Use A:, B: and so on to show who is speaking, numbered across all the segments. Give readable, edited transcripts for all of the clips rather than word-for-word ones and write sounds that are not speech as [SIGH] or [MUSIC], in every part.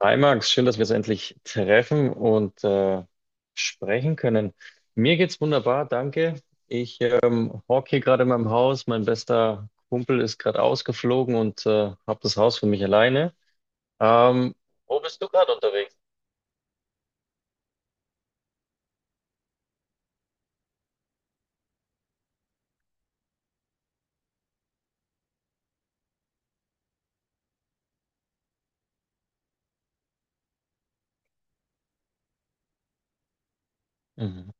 A: Hi Max, schön, dass wir uns endlich treffen und sprechen können. Mir geht's wunderbar, danke. Ich hocke hier gerade in meinem Haus. Mein bester Kumpel ist gerade ausgeflogen und habe das Haus für mich alleine. Ähm, Wo bist du gerade unterwegs? Mhm.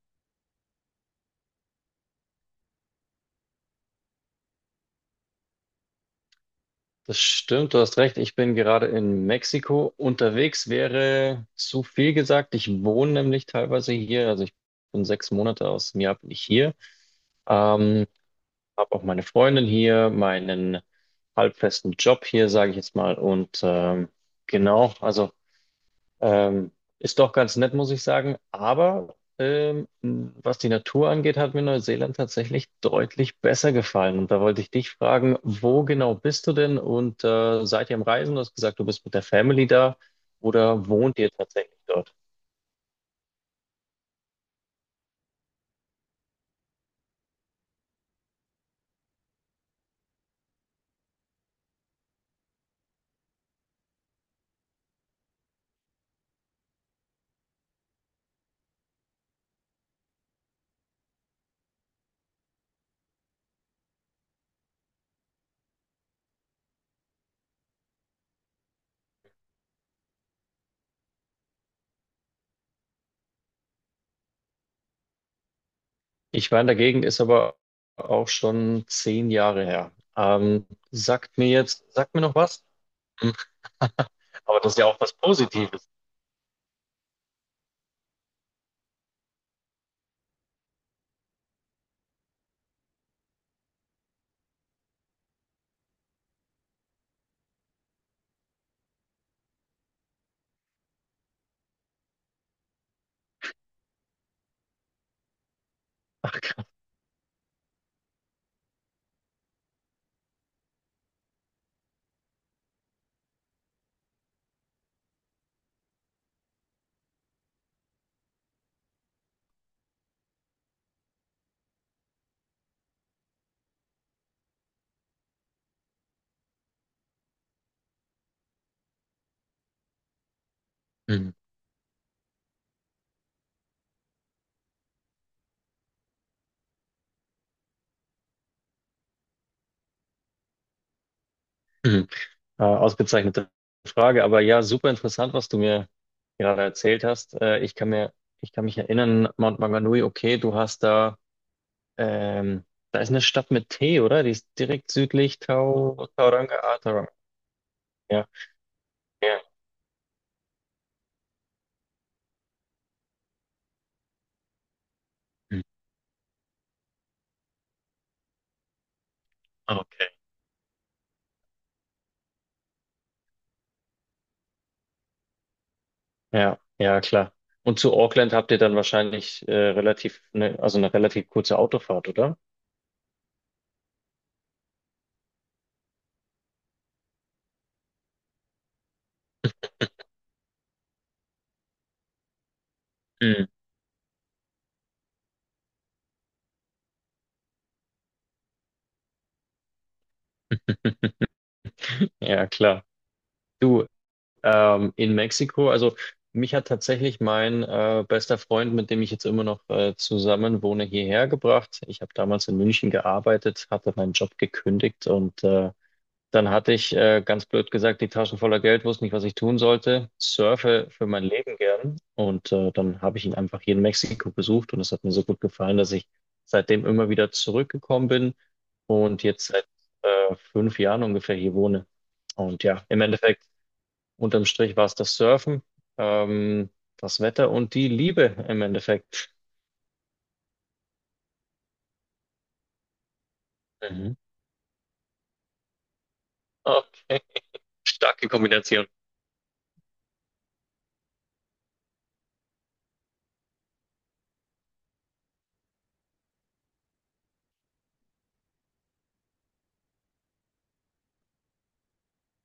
A: Das stimmt, du hast recht. Ich bin gerade in Mexiko. Unterwegs wäre zu viel gesagt. Ich wohne nämlich teilweise hier. Also ich bin sechs Monate aus dem Jahr bin ich hier. Ähm, Habe auch meine Freundin hier, meinen halbfesten Job hier, sage ich jetzt mal. Und genau, also ähm, ist doch ganz nett, muss ich sagen. Aber was die Natur angeht, hat mir Neuseeland tatsächlich deutlich besser gefallen. Und da wollte ich dich fragen, wo genau bist du denn und seid ihr am Reisen? Du hast gesagt, du bist mit der Family da oder wohnt ihr tatsächlich dort? Ich war in der Gegend, ist aber auch schon zehn Jahre her. Sagt mir jetzt, sagt mir noch was? [LAUGHS] Aber das ist ja auch was Positives. Ach, krass. Mhm. Mhm. Ausgezeichnete Frage, aber ja, super interessant, was du mir gerade erzählt hast. Ich kann mich erinnern, Mount Maunganui, okay, du hast da, ähm, da ist eine Stadt mit T, oder? Die ist direkt südlich Tauranga. Ja, ja. Mhm. Ah, okay. Ja, ja, klar. Und zu Auckland habt ihr dann wahrscheinlich relativ, ne, also eine relativ kurze Autofahrt, oder? Mhm. [LAUGHS] Ja, klar. Du, in Mexiko. Also mich hat tatsächlich mein bester Freund, mit dem ich jetzt immer noch zusammen wohne, hierher gebracht. Ich habe damals in München gearbeitet, hatte meinen Job gekündigt und dann hatte ich ganz blöd gesagt die Taschen voller Geld, wusste nicht, was ich tun sollte, surfe für mein Leben gern und dann habe ich ihn einfach hier in Mexiko besucht und es hat mir so gut gefallen, dass ich seitdem immer wieder zurückgekommen bin und jetzt seit fünf Jahren ungefähr hier wohne. Und ja, im Endeffekt unterm Strich war es das Surfen, ähm, das Wetter und die Liebe im Endeffekt. Mhm. Okay, starke Kombination.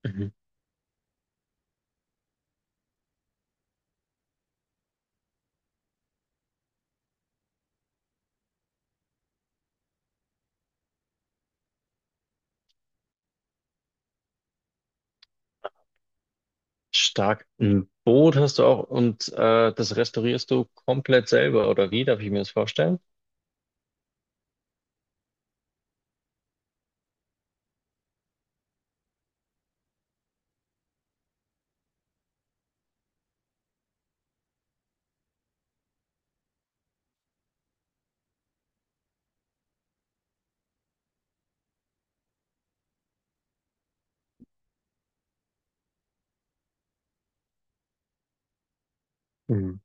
A: Mhm. Stark. Ein Boot hast du auch und das restaurierst du komplett selber, oder wie? Darf ich mir das vorstellen? Mhm.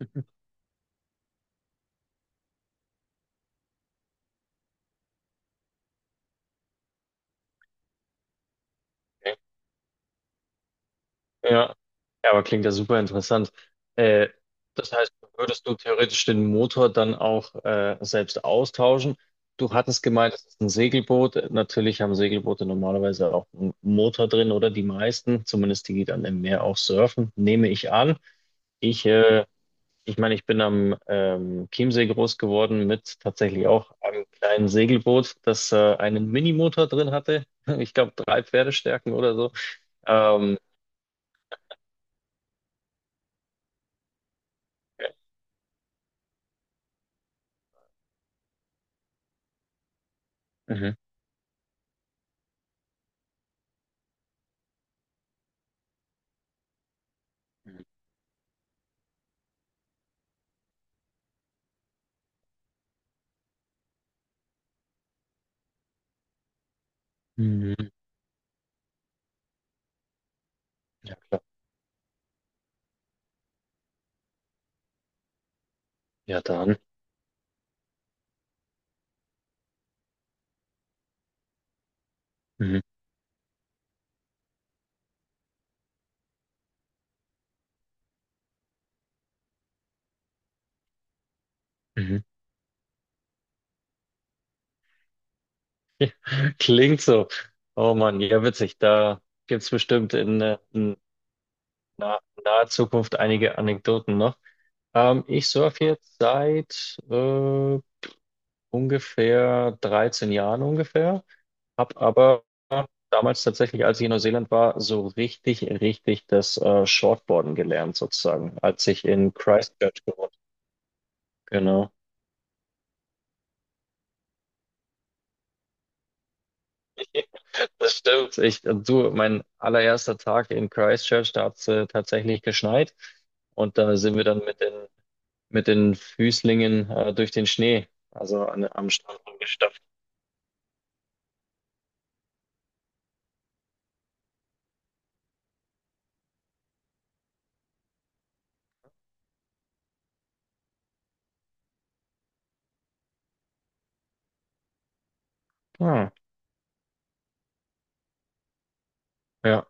A: Okay. Ja. Ja, aber klingt ja super interessant. Äh, Das heißt, würdest du theoretisch den Motor dann auch selbst austauschen? Du hattest gemeint, es ist ein Segelboot. Natürlich haben Segelboote normalerweise auch einen Motor drin oder die meisten, zumindest die, die dann im Meer auch surfen, nehme ich an. Ich, äh, ich meine, ich bin am Chiemsee groß geworden mit tatsächlich auch einem kleinen Segelboot, das einen Minimotor drin hatte. [LAUGHS] Ich glaube, drei Pferdestärken oder so. Ähm, mhm. Mhm. Ja, klar. Ja, dann. Mhm. Mhm. Klingt so. Oh Mann, ja, witzig. Da gibt's bestimmt in naher Zukunft einige Anekdoten noch. Ich surfe jetzt seit ungefähr 13 Jahren ungefähr, hab aber damals tatsächlich, als ich in Neuseeland war, so richtig das Shortboarden gelernt sozusagen, als ich in Christchurch gewohnt. Genau. Das stimmt. Ich, du, mein allererster Tag in Christchurch, da hat es tatsächlich geschneit. Und da sind wir dann mit den Füßlingen durch den Schnee, am Strand rumgestapft. Ah, ja.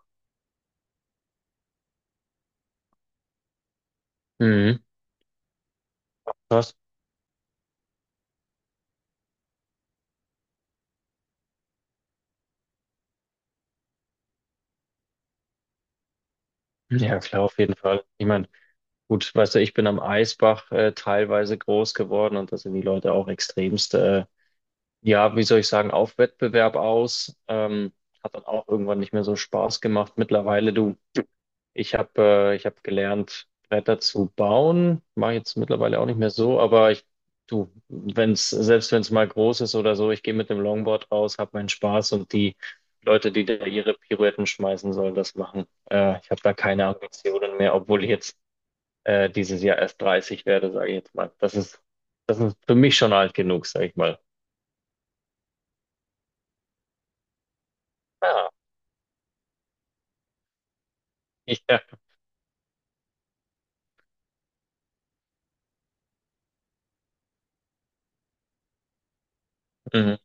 A: Mhm. Krass. Ja, klar, auf jeden Fall. Ich meine, gut, weißt du, ich bin am Eisbach teilweise groß geworden und da sind die Leute auch extremst, ja, wie soll ich sagen, auf Wettbewerb aus. Hat dann auch irgendwann nicht mehr so Spaß gemacht. Mittlerweile, du ich habe ich habe gelernt, Bretter zu bauen. Mache jetzt mittlerweile auch nicht mehr so, aber ich, du, wenn's, selbst wenn es mal groß ist oder so, ich gehe mit dem Longboard raus, habe meinen Spaß und die Leute, die da ihre Pirouetten schmeißen, sollen das machen. Ich habe da keine Ambitionen mehr, obwohl ich jetzt dieses Jahr erst 30 werde, sage ich jetzt mal. Das ist für mich schon alt genug, sage ich mal. Ah, [LAUGHS] ja. Mhm.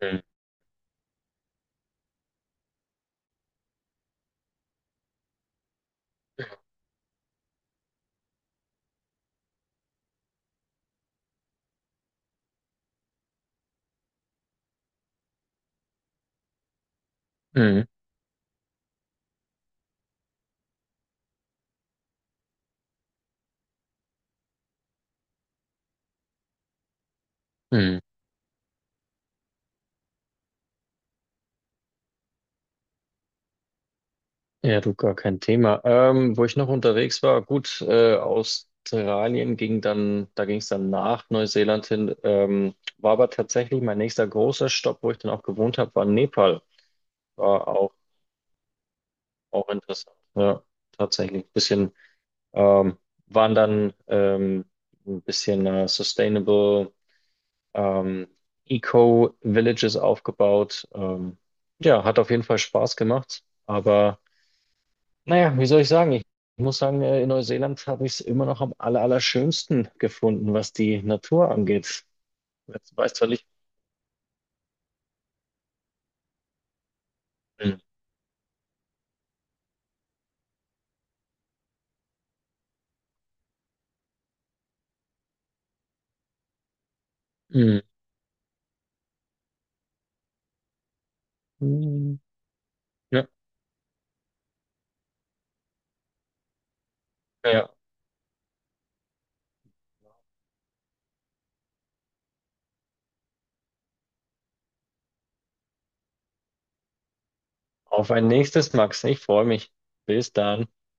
A: Mhm. Mhm. Mhm. Ja, du, gar kein Thema. Wo ich noch unterwegs war, gut, Australien ging dann, da ging es dann nach Neuseeland hin, war aber tatsächlich mein nächster großer Stopp, wo ich dann auch gewohnt habe, war Nepal. War auch, auch interessant. Ja, tatsächlich. Ähm, waren dann ein bisschen Sustainable ähm, Eco-Villages aufgebaut. Ja, hat auf jeden Fall Spaß gemacht, aber naja, wie soll ich sagen? Ich muss sagen, in Neuseeland habe ich es immer noch am allerschönsten gefunden, was die Natur angeht. Jetzt weiß zwar nicht. Mhm. Mhm. Ja, ja. Auf ein nächstes, Max. Ich freue mich. Bis dann.